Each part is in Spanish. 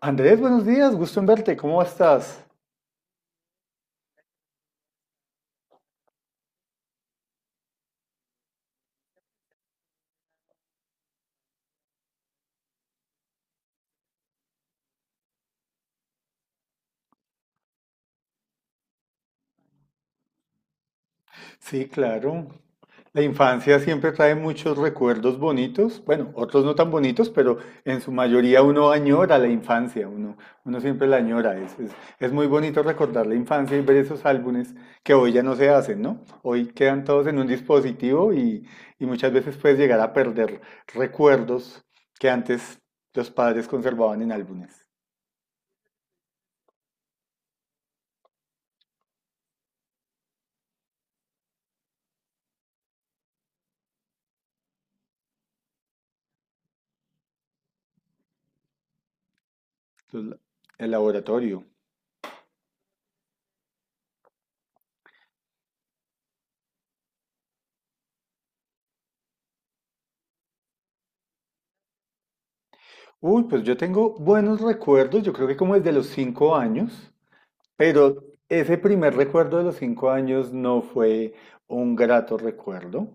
Andrés, buenos días, gusto en verte, ¿cómo estás? Sí, claro. La infancia siempre trae muchos recuerdos bonitos, bueno, otros no tan bonitos, pero en su mayoría uno añora la infancia, uno siempre la añora. Es muy bonito recordar la infancia y ver esos álbumes que hoy ya no se hacen, ¿no? Hoy quedan todos en un dispositivo y muchas veces puedes llegar a perder recuerdos que antes los padres conservaban en álbumes. Entonces, el laboratorio. Uy, pues yo tengo buenos recuerdos, yo creo que como desde los 5 años, pero ese primer recuerdo de los 5 años no fue un grato recuerdo,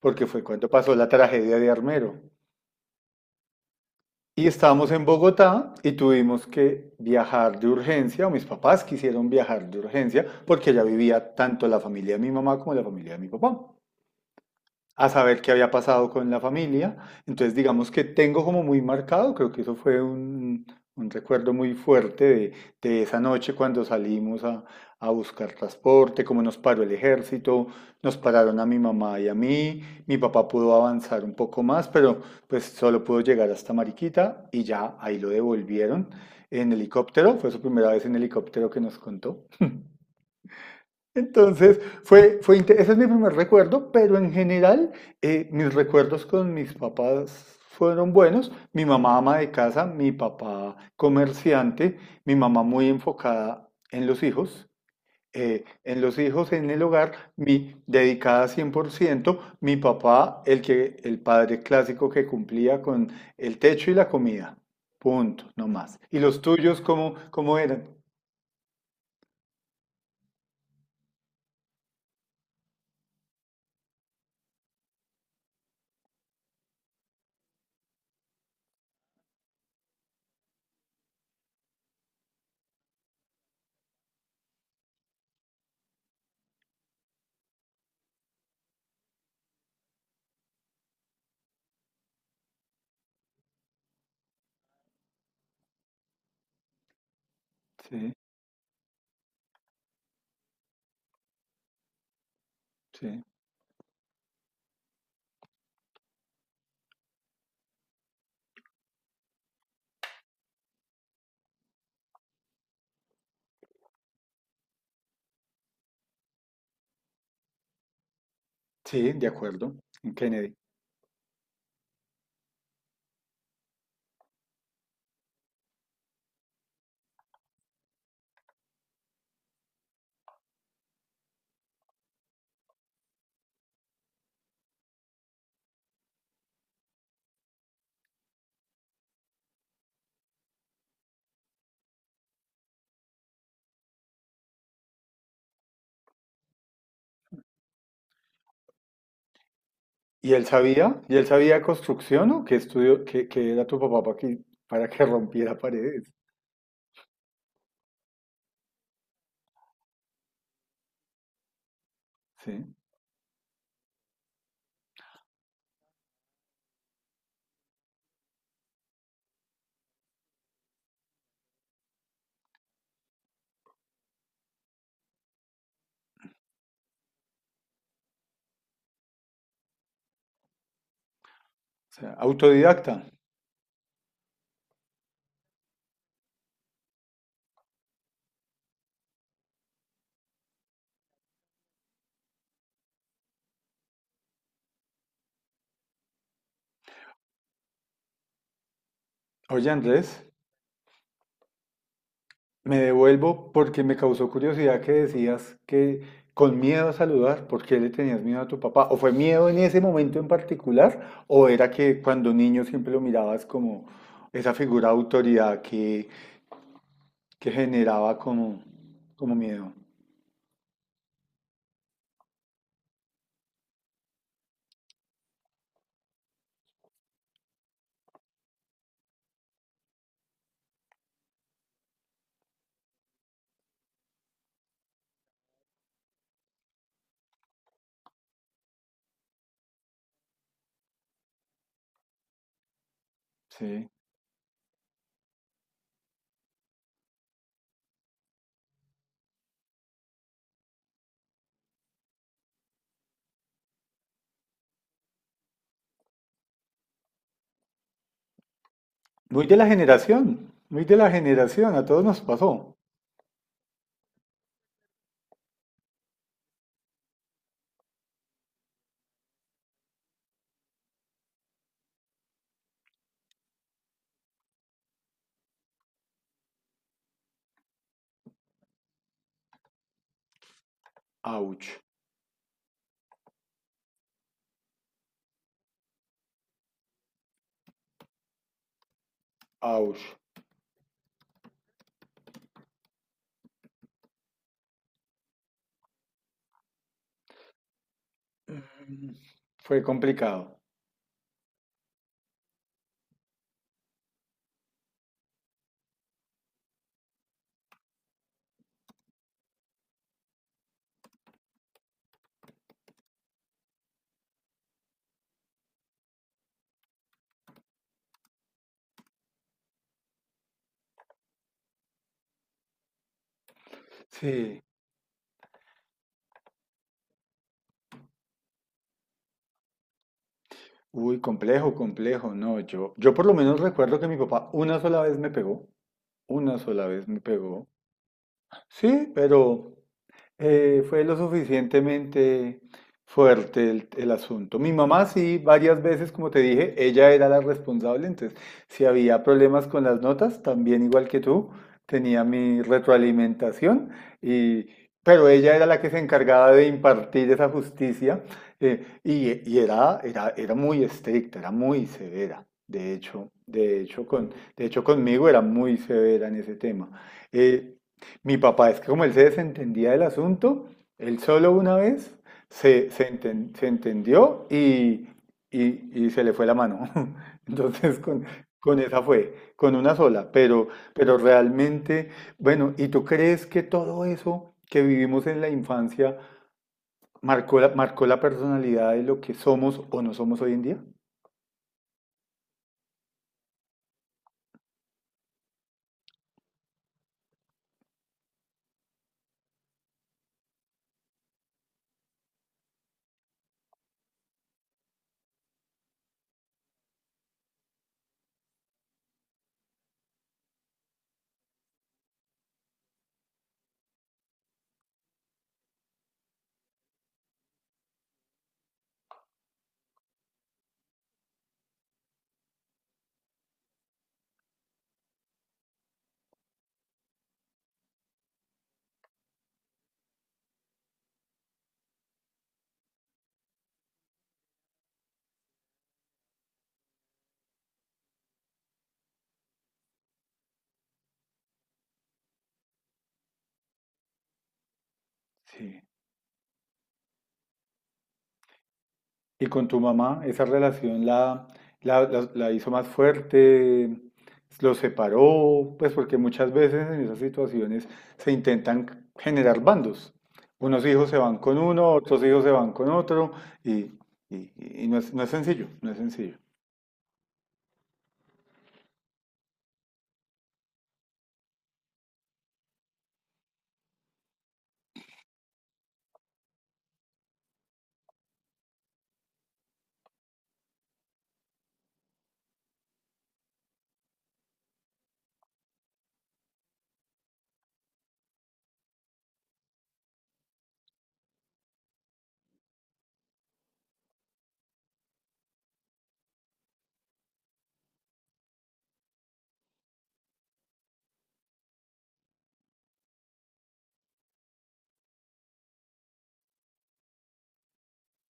porque fue cuando pasó la tragedia de Armero. Y estábamos en Bogotá y tuvimos que viajar de urgencia, o mis papás quisieron viajar de urgencia, porque ya vivía tanto la familia de mi mamá como la familia de mi papá. A saber qué había pasado con la familia. Entonces, digamos que tengo como muy marcado, creo que eso fue un recuerdo muy fuerte de esa noche cuando salimos a buscar transporte, cómo nos paró el ejército, nos pararon a mi mamá y a mí, mi papá pudo avanzar un poco más, pero pues solo pudo llegar hasta Mariquita y ya ahí lo devolvieron en helicóptero, fue su primera vez en helicóptero que nos contó. Entonces, ese es mi primer recuerdo, pero en general, mis recuerdos con mis papás fueron buenos. Mi mamá ama de casa, mi papá comerciante, mi mamá muy enfocada en los hijos, en los hijos, en el hogar, mi dedicada 100% mi papá, el padre clásico que cumplía con el techo y la comida. Punto, no más. ¿Y los tuyos cómo, cómo eran? Sí, sí, sí, de acuerdo. En Kennedy. ¿Y él sabía? ¿ construcción o qué estudió, qué, qué era tu papá para que rompiera paredes? Sí. O sea, autodidacta. Oye, Andrés, me devuelvo porque me causó curiosidad que decías que con miedo a saludar, ¿por qué le tenías miedo a tu papá? ¿O fue miedo en ese momento en particular? ¿O era que cuando niño siempre lo mirabas como esa figura de autoridad que generaba como, como miedo? Sí. Muy de la generación, muy de la generación, a todos nos pasó. Ouch, ouch, fue complicado. Sí. Uy, complejo, complejo. No, yo por lo menos recuerdo que mi papá una sola vez me pegó. Una sola vez me pegó. Sí, pero fue lo suficientemente fuerte el asunto. Mi mamá sí, varias veces, como te dije, ella era la responsable, entonces si había problemas con las notas, también igual que tú, tenía mi retroalimentación, y, pero ella era la que se encargaba de impartir esa justicia, y era, era muy estricta, era muy severa. De hecho conmigo era muy severa en ese tema. Eh, Mi papá, es que como él se desentendía del asunto, él solo una vez se entendió y se le fue la mano. Entonces, con, con esa fue, con una sola, pero realmente, bueno, ¿y tú crees que todo eso que vivimos en la infancia marcó la personalidad de lo que somos o no somos hoy en día? Sí. Y con tu mamá, ¿esa relación la hizo más fuerte? ¿Los separó? Pues porque muchas veces en esas situaciones se intentan generar bandos. Unos hijos se van con uno, otros hijos se van con otro, y, y- y no es, no es sencillo, no es sencillo.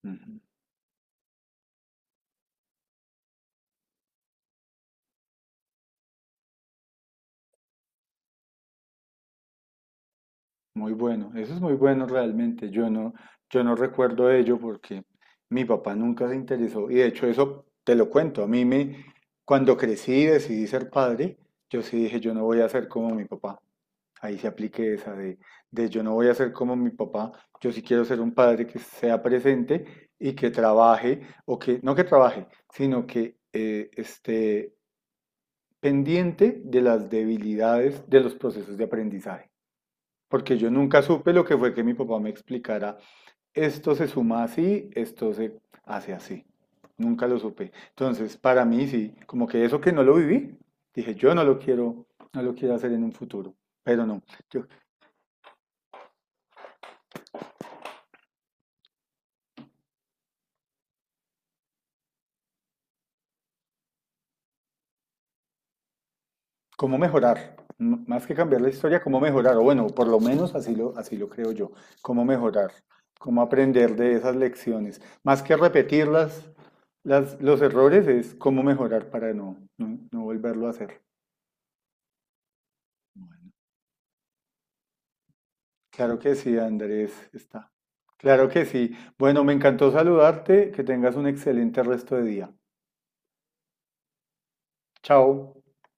Ujú. Muy bueno, eso es muy bueno realmente. Yo no recuerdo ello porque mi papá nunca se interesó. Y de hecho, eso te lo cuento. Cuando crecí y decidí ser padre, yo sí dije, yo no voy a ser como mi papá. Ahí se aplique esa de yo no voy a ser como mi papá. Yo sí quiero ser un padre que sea presente y que trabaje, o que, no que trabaje, sino que esté pendiente de las debilidades de los procesos de aprendizaje porque yo nunca supe lo que fue que mi papá me explicara, esto se suma así, esto se hace así. Nunca lo supe. Entonces, para mí sí, como que eso que no lo viví, dije, yo no lo quiero, no lo quiero hacer en un futuro, pero no. Yo, ¿cómo mejorar? M- Más que cambiar la historia, ¿cómo mejorar? O bueno, por lo menos así lo creo yo. ¿Cómo mejorar? ¿Cómo aprender de esas lecciones? Más que repetir los errores es cómo mejorar para no volverlo a hacer. Claro que sí, Andrés, está. Claro que sí. Bueno, me encantó saludarte, que tengas un excelente resto de día. Chao.